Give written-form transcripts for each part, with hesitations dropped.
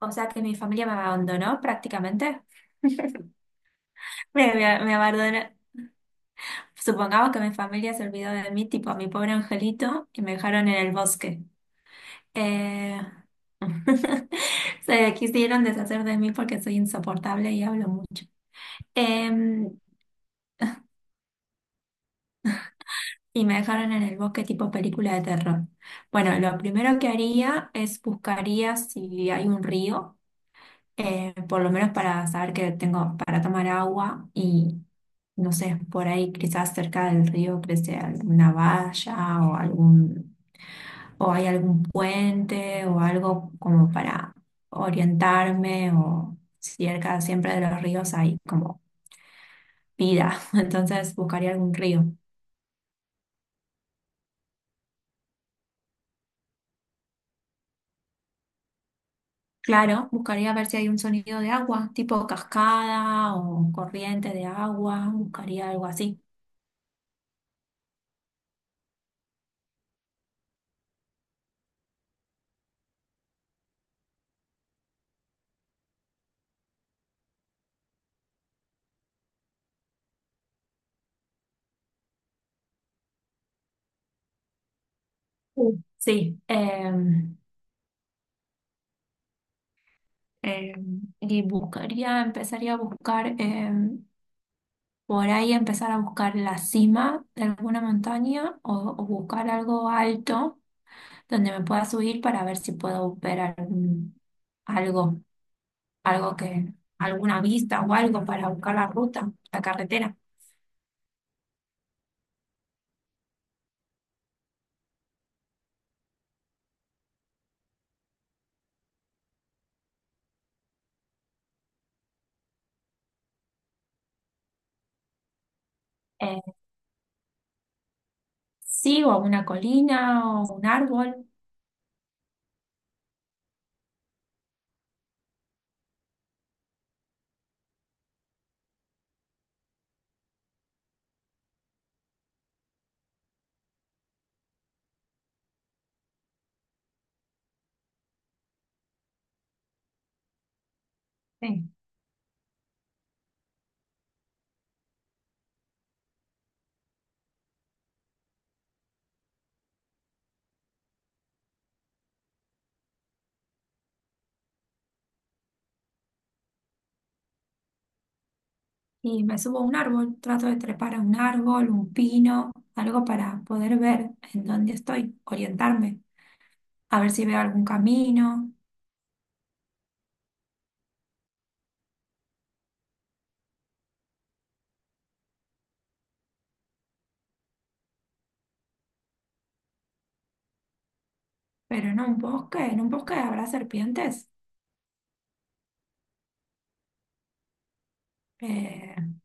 O sea que mi familia me abandonó prácticamente. Me abandonó. Supongamos que mi familia se olvidó de mí, tipo a mi pobre angelito, y me dejaron en el bosque. Eh, Se quisieron deshacer de mí porque soy insoportable y hablo mucho. Em, y me dejaron en el bosque tipo película de terror. Bueno, lo primero que haría es buscaría si hay un río, por lo menos para saber que tengo para tomar agua y no sé, por ahí quizás cerca del río crece alguna valla o o hay algún puente o algo como para orientarme, o cerca siempre de los ríos hay como vida. Entonces buscaría algún río. Claro, buscaría ver si hay un sonido de agua, tipo cascada o corriente de agua, buscaría algo así. Sí, sí, Eh, y buscaría, empezaría a buscar, por ahí empezar a buscar la cima de alguna montaña o buscar algo alto donde me pueda subir para ver si puedo ver algo, algo que, alguna vista o algo para buscar la ruta, la carretera. Eh, sí, o una colina o un árbol. Sí. Y me subo a un árbol, trato de trepar a un árbol, un pino, algo para poder ver en dónde estoy, orientarme. A ver si veo algún camino, pero en un bosque habrá serpientes. Eh,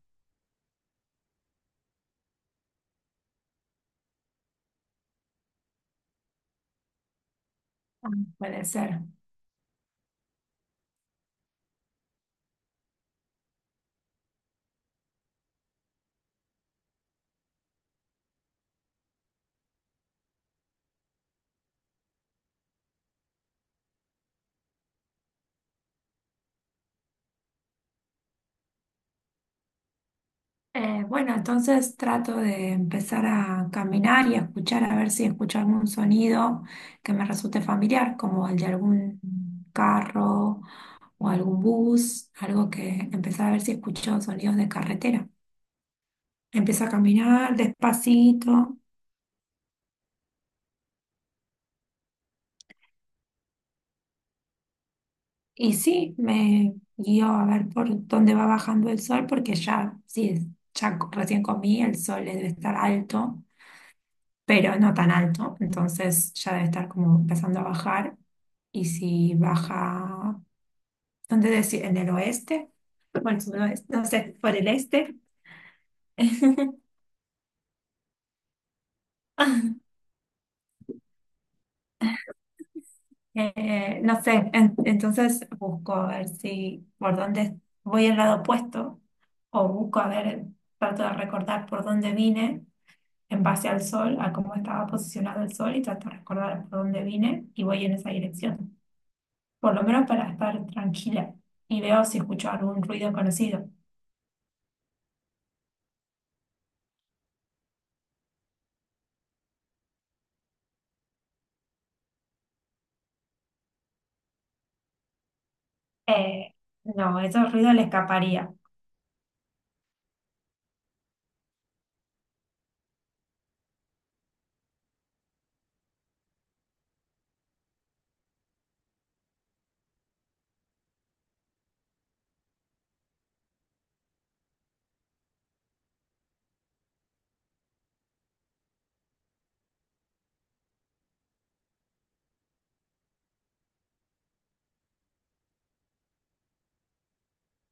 ah, puede ser. Bueno, entonces trato de empezar a caminar y a escuchar, a ver si escucho algún sonido que me resulte familiar, como el de algún carro o algún bus, algo que empezar a ver si escucho sonidos de carretera. Empiezo a caminar despacito. Y sí, me guío a ver por dónde va bajando el sol, porque ya, sí, recién comí, el sol debe estar alto, pero no tan alto, entonces ya debe estar como empezando a bajar. Y si baja, ¿dónde decir? ¿En el oeste? Bueno, sudoeste, no sé, por el este. No sé, entonces busco a ver si por dónde voy al lado opuesto o busco a ver, trato de recordar por dónde vine en base al sol, a cómo estaba posicionado el sol y trato de recordar por dónde vine y voy en esa dirección, por lo menos para estar tranquila y veo si escucho algún ruido conocido. Eh, no, esos ruidos le escaparía.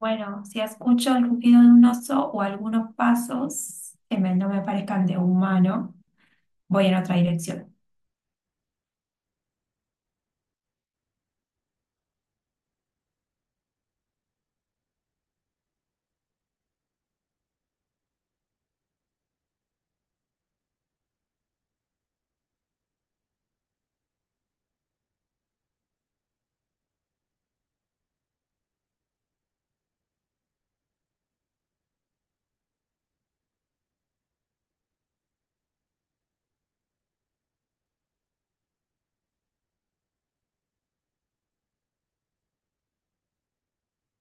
Bueno, si escucho el ruido de un oso o algunos pasos no me parezcan de humano, voy en otra dirección.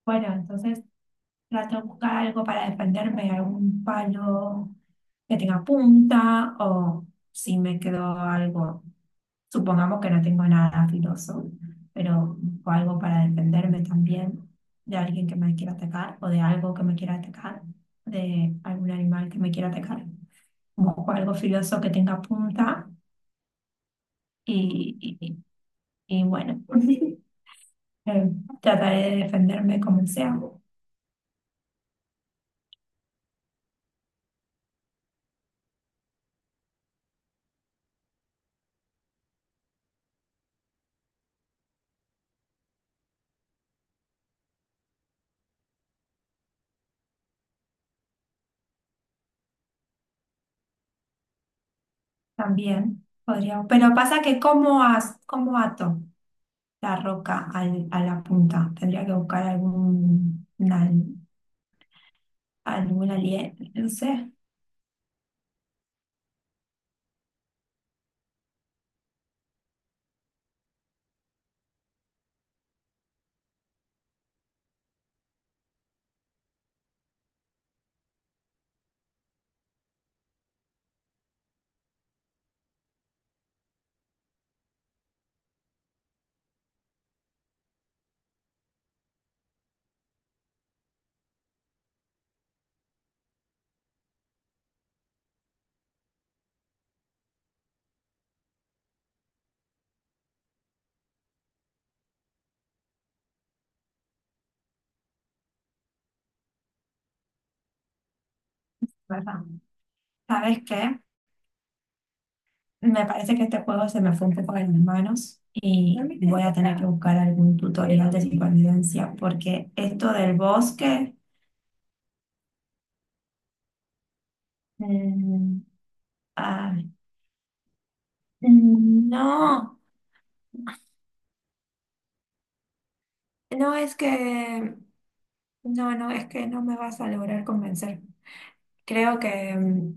Bueno, entonces trato de buscar algo para defenderme, algún palo que tenga punta o si me quedó algo, supongamos que no tengo nada filoso, pero busco algo para defenderme también de alguien que me quiera atacar o de algo que me quiera atacar, de algún animal que me quiera atacar. Busco algo filoso que tenga punta y, y, y bueno, eh, trataré de defenderme como sea. También podría, pero pasa que cómo, cómo ato la roca a la punta. Tendría que buscar algún alien, no sé, ¿verdad? ¿Sabes qué? Me parece que este juego se me fue un poco de mis manos y voy a tener que buscar algún tutorial de supervivencia porque esto del bosque, mm, ah, no, no es que, no, no, es que no me vas a lograr convencer. Creo que,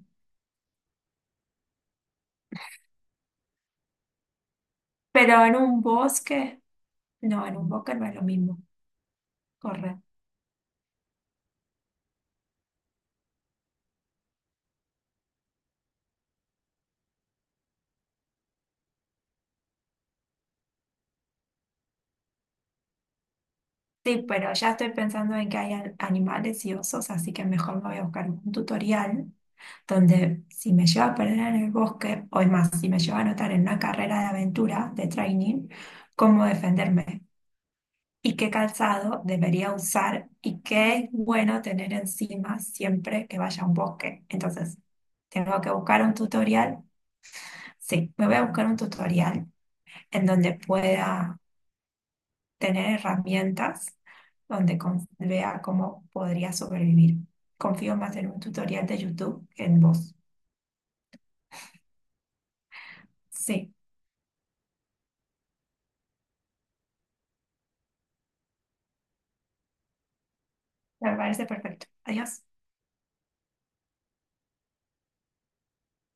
pero en un bosque, no, en un bosque no es lo mismo, correr. Sí, pero ya estoy pensando en que hay animales y osos, así que mejor me voy a buscar un tutorial donde si me lleva a perder en el bosque, o es más, si me lleva a anotar en una carrera de aventura, de training, cómo defenderme y qué calzado debería usar y qué es bueno tener encima siempre que vaya a un bosque. Entonces, tengo que buscar un tutorial. Sí, me voy a buscar un tutorial en donde pueda tener herramientas, donde vea cómo podría sobrevivir. Confío más en un tutorial de YouTube que en vos. Sí, me parece perfecto. Adiós.